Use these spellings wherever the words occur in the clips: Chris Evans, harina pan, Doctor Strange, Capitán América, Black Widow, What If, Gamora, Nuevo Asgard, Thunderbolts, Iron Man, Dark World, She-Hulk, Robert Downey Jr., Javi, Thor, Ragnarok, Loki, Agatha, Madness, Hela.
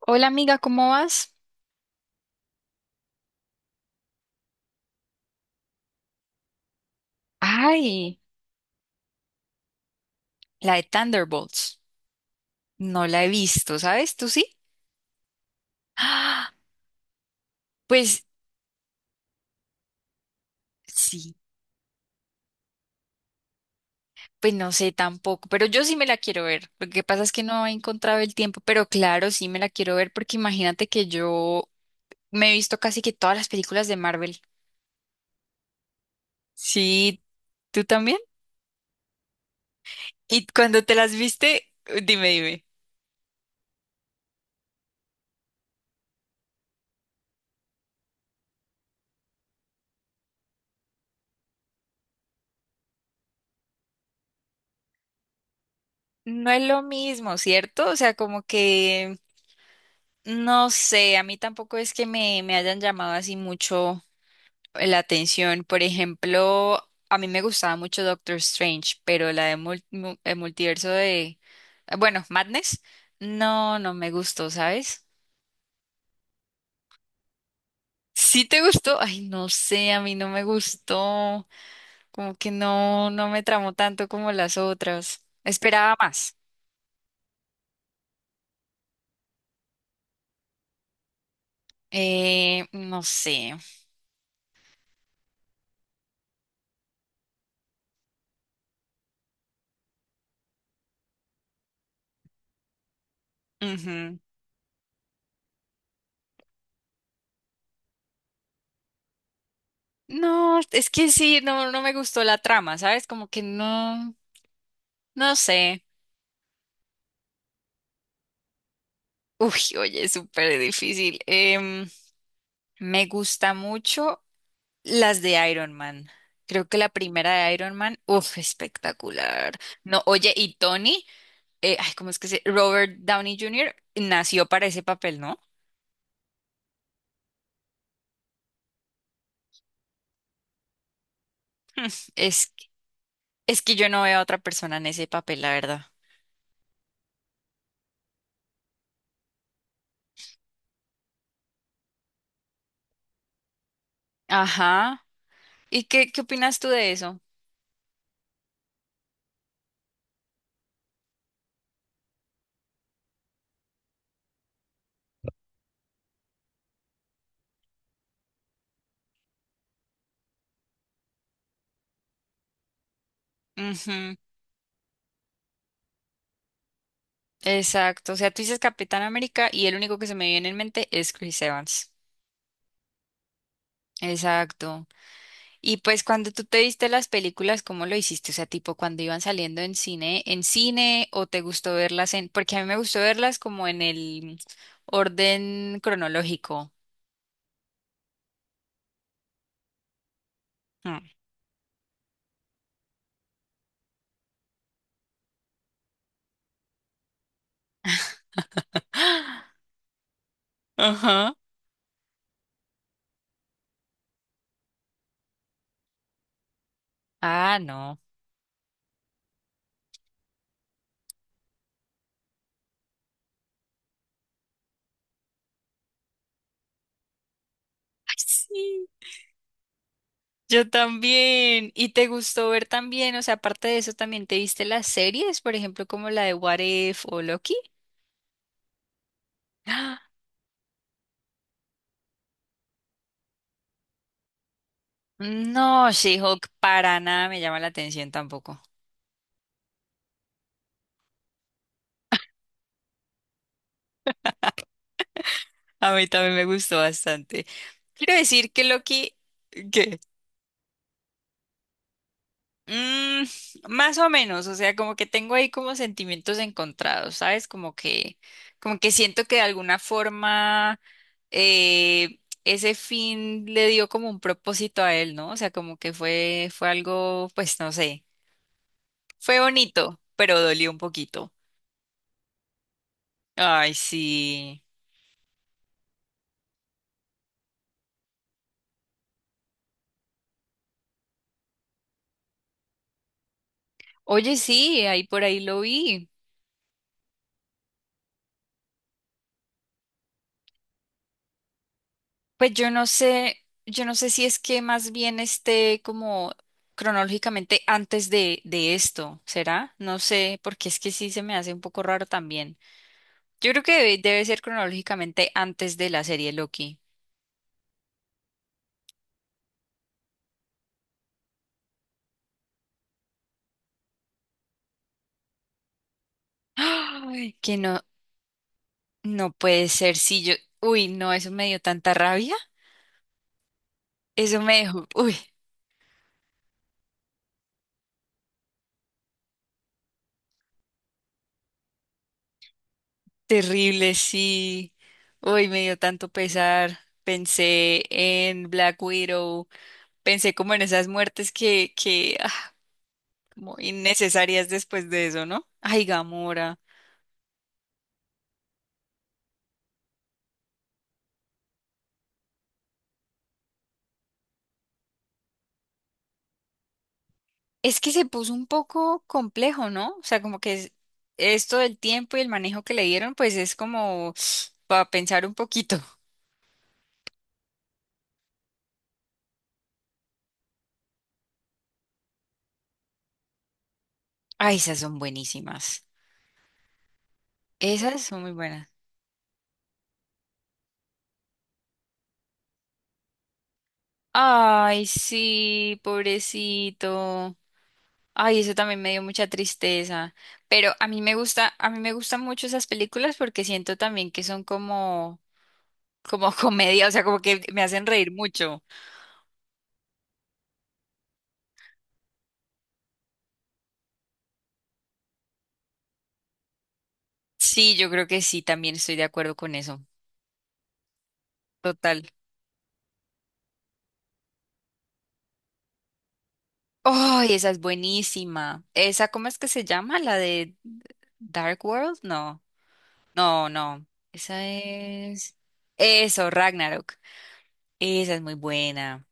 Hola amiga, ¿cómo vas? Ay, la de Thunderbolts. No la he visto, ¿sabes? ¿Tú sí? Ah, pues sí, pues no sé tampoco, pero yo sí me la quiero ver. Lo que pasa es que no he encontrado el tiempo, pero claro, sí me la quiero ver porque imagínate que yo me he visto casi que todas las películas de Marvel. Sí, ¿tú también? Y cuando te las viste, dime, dime. No es lo mismo, ¿cierto? O sea, como que no sé, a mí tampoco es que me hayan llamado así mucho la atención. Por ejemplo, a mí me gustaba mucho Doctor Strange, pero la de el multiverso de, bueno, Madness, no, no me gustó, ¿sabes? ¿Sí te gustó? Ay, no sé, a mí no me gustó. Como que no, no me tramó tanto como las otras. Esperaba más. No sé. Ujú. No, es que sí, no, no me gustó la trama, ¿sabes? Como que no, no sé. Uy, oye, es súper difícil. Me gusta mucho las de Iron Man. Creo que la primera de Iron Man, uff, espectacular. No, oye, y Tony, ay, ¿cómo es que se? Robert Downey Jr. nació para ese papel, ¿no? Es, es que yo no veo a otra persona en ese papel, la verdad. Ajá. ¿Y qué opinas tú de eso? Ujú. Exacto. O sea, tú dices Capitán América y el único que se me viene en mente es Chris Evans. Exacto. Y pues cuando tú te viste las películas, ¿cómo lo hiciste? O sea, tipo cuando iban saliendo en cine, o te gustó verlas en, porque a mí me gustó verlas como en el orden cronológico. Mm. Ajá. Ah, no. Ay, sí, yo también. ¿Y te gustó ver también? O sea, aparte de eso, ¿también te viste las series? Por ejemplo, como la de What If o Loki. Ah, no, She-Hulk para nada me llama la atención tampoco. A mí también me gustó bastante. Quiero decir que Loki, ¿qué? Mm, Más o menos, o sea, como que tengo ahí como sentimientos encontrados, ¿sabes? Como que, siento que de alguna forma ese fin le dio como un propósito a él, ¿no? O sea, como que fue algo, pues no sé, fue bonito, pero dolió un poquito. Ay, sí. Oye, sí, ahí por ahí lo vi. Pues yo no sé si es que más bien esté como cronológicamente antes de esto, ¿será? No sé, porque es que sí se me hace un poco raro también. Yo creo que debe ser cronológicamente antes de la serie Loki. Ay, que no, no puede ser, sí, yo, uy, no, eso me dio tanta rabia, eso me dejó, uy, terrible, sí, uy, me dio tanto pesar, pensé en Black Widow, pensé como en esas muertes muy innecesarias después de eso, ¿no? Ay, Gamora. Es que se puso un poco complejo, ¿no? O sea, como que esto del tiempo y el manejo que le dieron, pues es como para pensar un poquito. Ay, esas son buenísimas. Esas son muy buenas. Ay, sí, pobrecito. Ay, eso también me dio mucha tristeza. Pero a mí me gustan mucho esas películas porque siento también que son como, como comedia, o sea, como que me hacen reír mucho. Sí, yo creo que sí, también estoy de acuerdo con eso. Total. ¡Ay, esa es buenísima! ¿Esa cómo es que se llama? ¿La de Dark World? No, no, no. Esa es... Eso, Ragnarok. Esa es muy buena.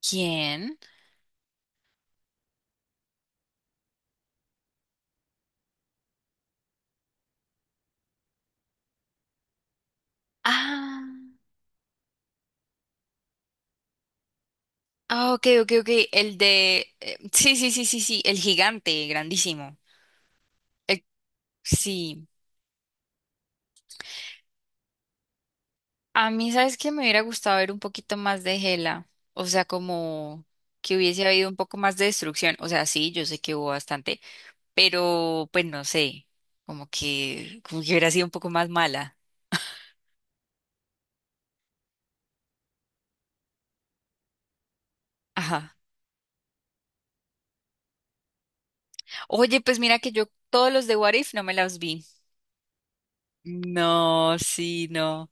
¿Quién? Ah, ah, ok, ok, ok. El de... sí, sí, sí, sí, sí. El gigante, grandísimo. El- Sí. A mí, ¿sabes que me hubiera gustado ver un poquito más de Hela? O sea, como que hubiese habido un poco más de destrucción. O sea, sí, yo sé que hubo bastante, pero pues no sé, como que, hubiera sido un poco más mala. Ajá. Oye, pues mira que yo todos los de What If no me las vi. No, sí, no.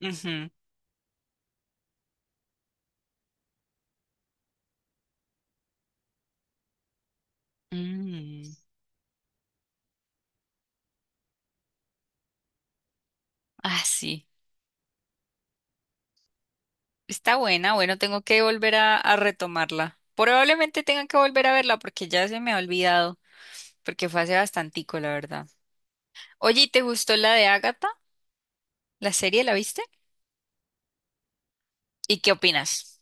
Ujú. Mm. Ah, sí. Está buena, bueno, tengo que volver a retomarla. Probablemente tenga que volver a verla porque ya se me ha olvidado, porque fue hace bastantico, la verdad. Oye, ¿y te gustó la de Agatha? ¿La serie la viste? ¿Y qué opinas?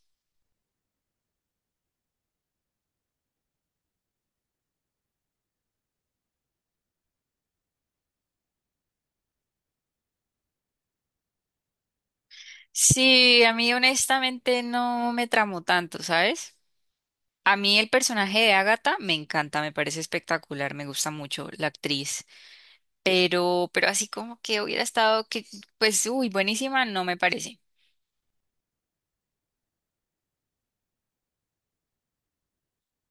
Sí, a mí honestamente no me tramó tanto, ¿sabes? A mí el personaje de Agatha me encanta, me parece espectacular, me gusta mucho la actriz, pero así como que hubiera estado que, pues, uy, buenísima, no me parece.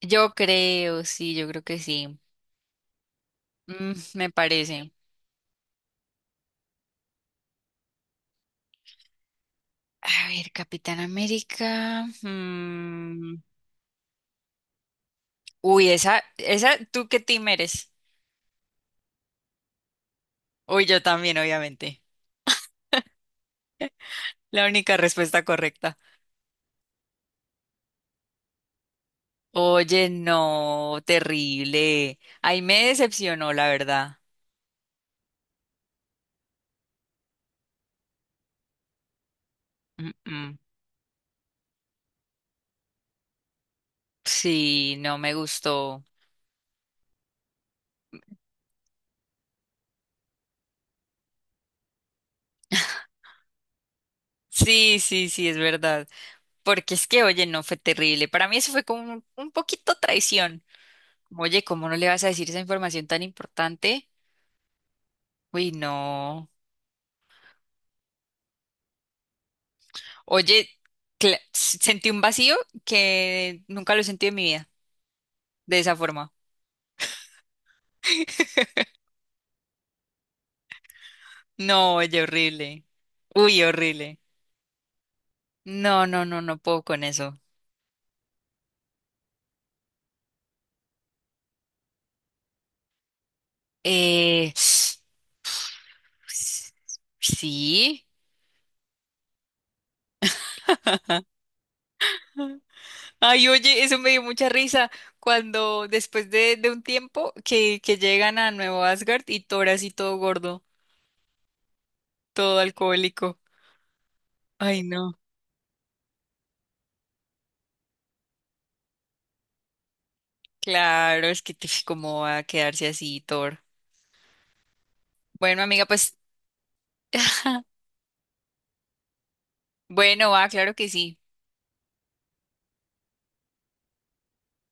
Yo creo, sí, yo creo que sí. Mm, me parece. A ver, Capitán América. Uy, esa, ¿tú qué team eres? Uy, yo también, obviamente. La única respuesta correcta. Oye, no, terrible. Ahí me decepcionó, la verdad. Mm, mm. Sí, no me gustó. Sí, sí, sí, es verdad. Porque es que, oye, no fue terrible. Para mí eso fue como un poquito traición. Como, oye, ¿cómo no le vas a decir esa información tan importante? Uy, no. Oye, sentí un vacío que nunca lo he sentido en mi vida, de esa forma. No, oye, horrible. Uy, horrible. No, no, no, no puedo con eso. Eh, sí. Ay, oye, eso me dio mucha risa cuando después de un tiempo que llegan a Nuevo Asgard y Thor así todo gordo, todo alcohólico. Ay, no. Claro, es que cómo va a quedarse así Thor. Bueno, amiga, pues bueno, va, claro que sí.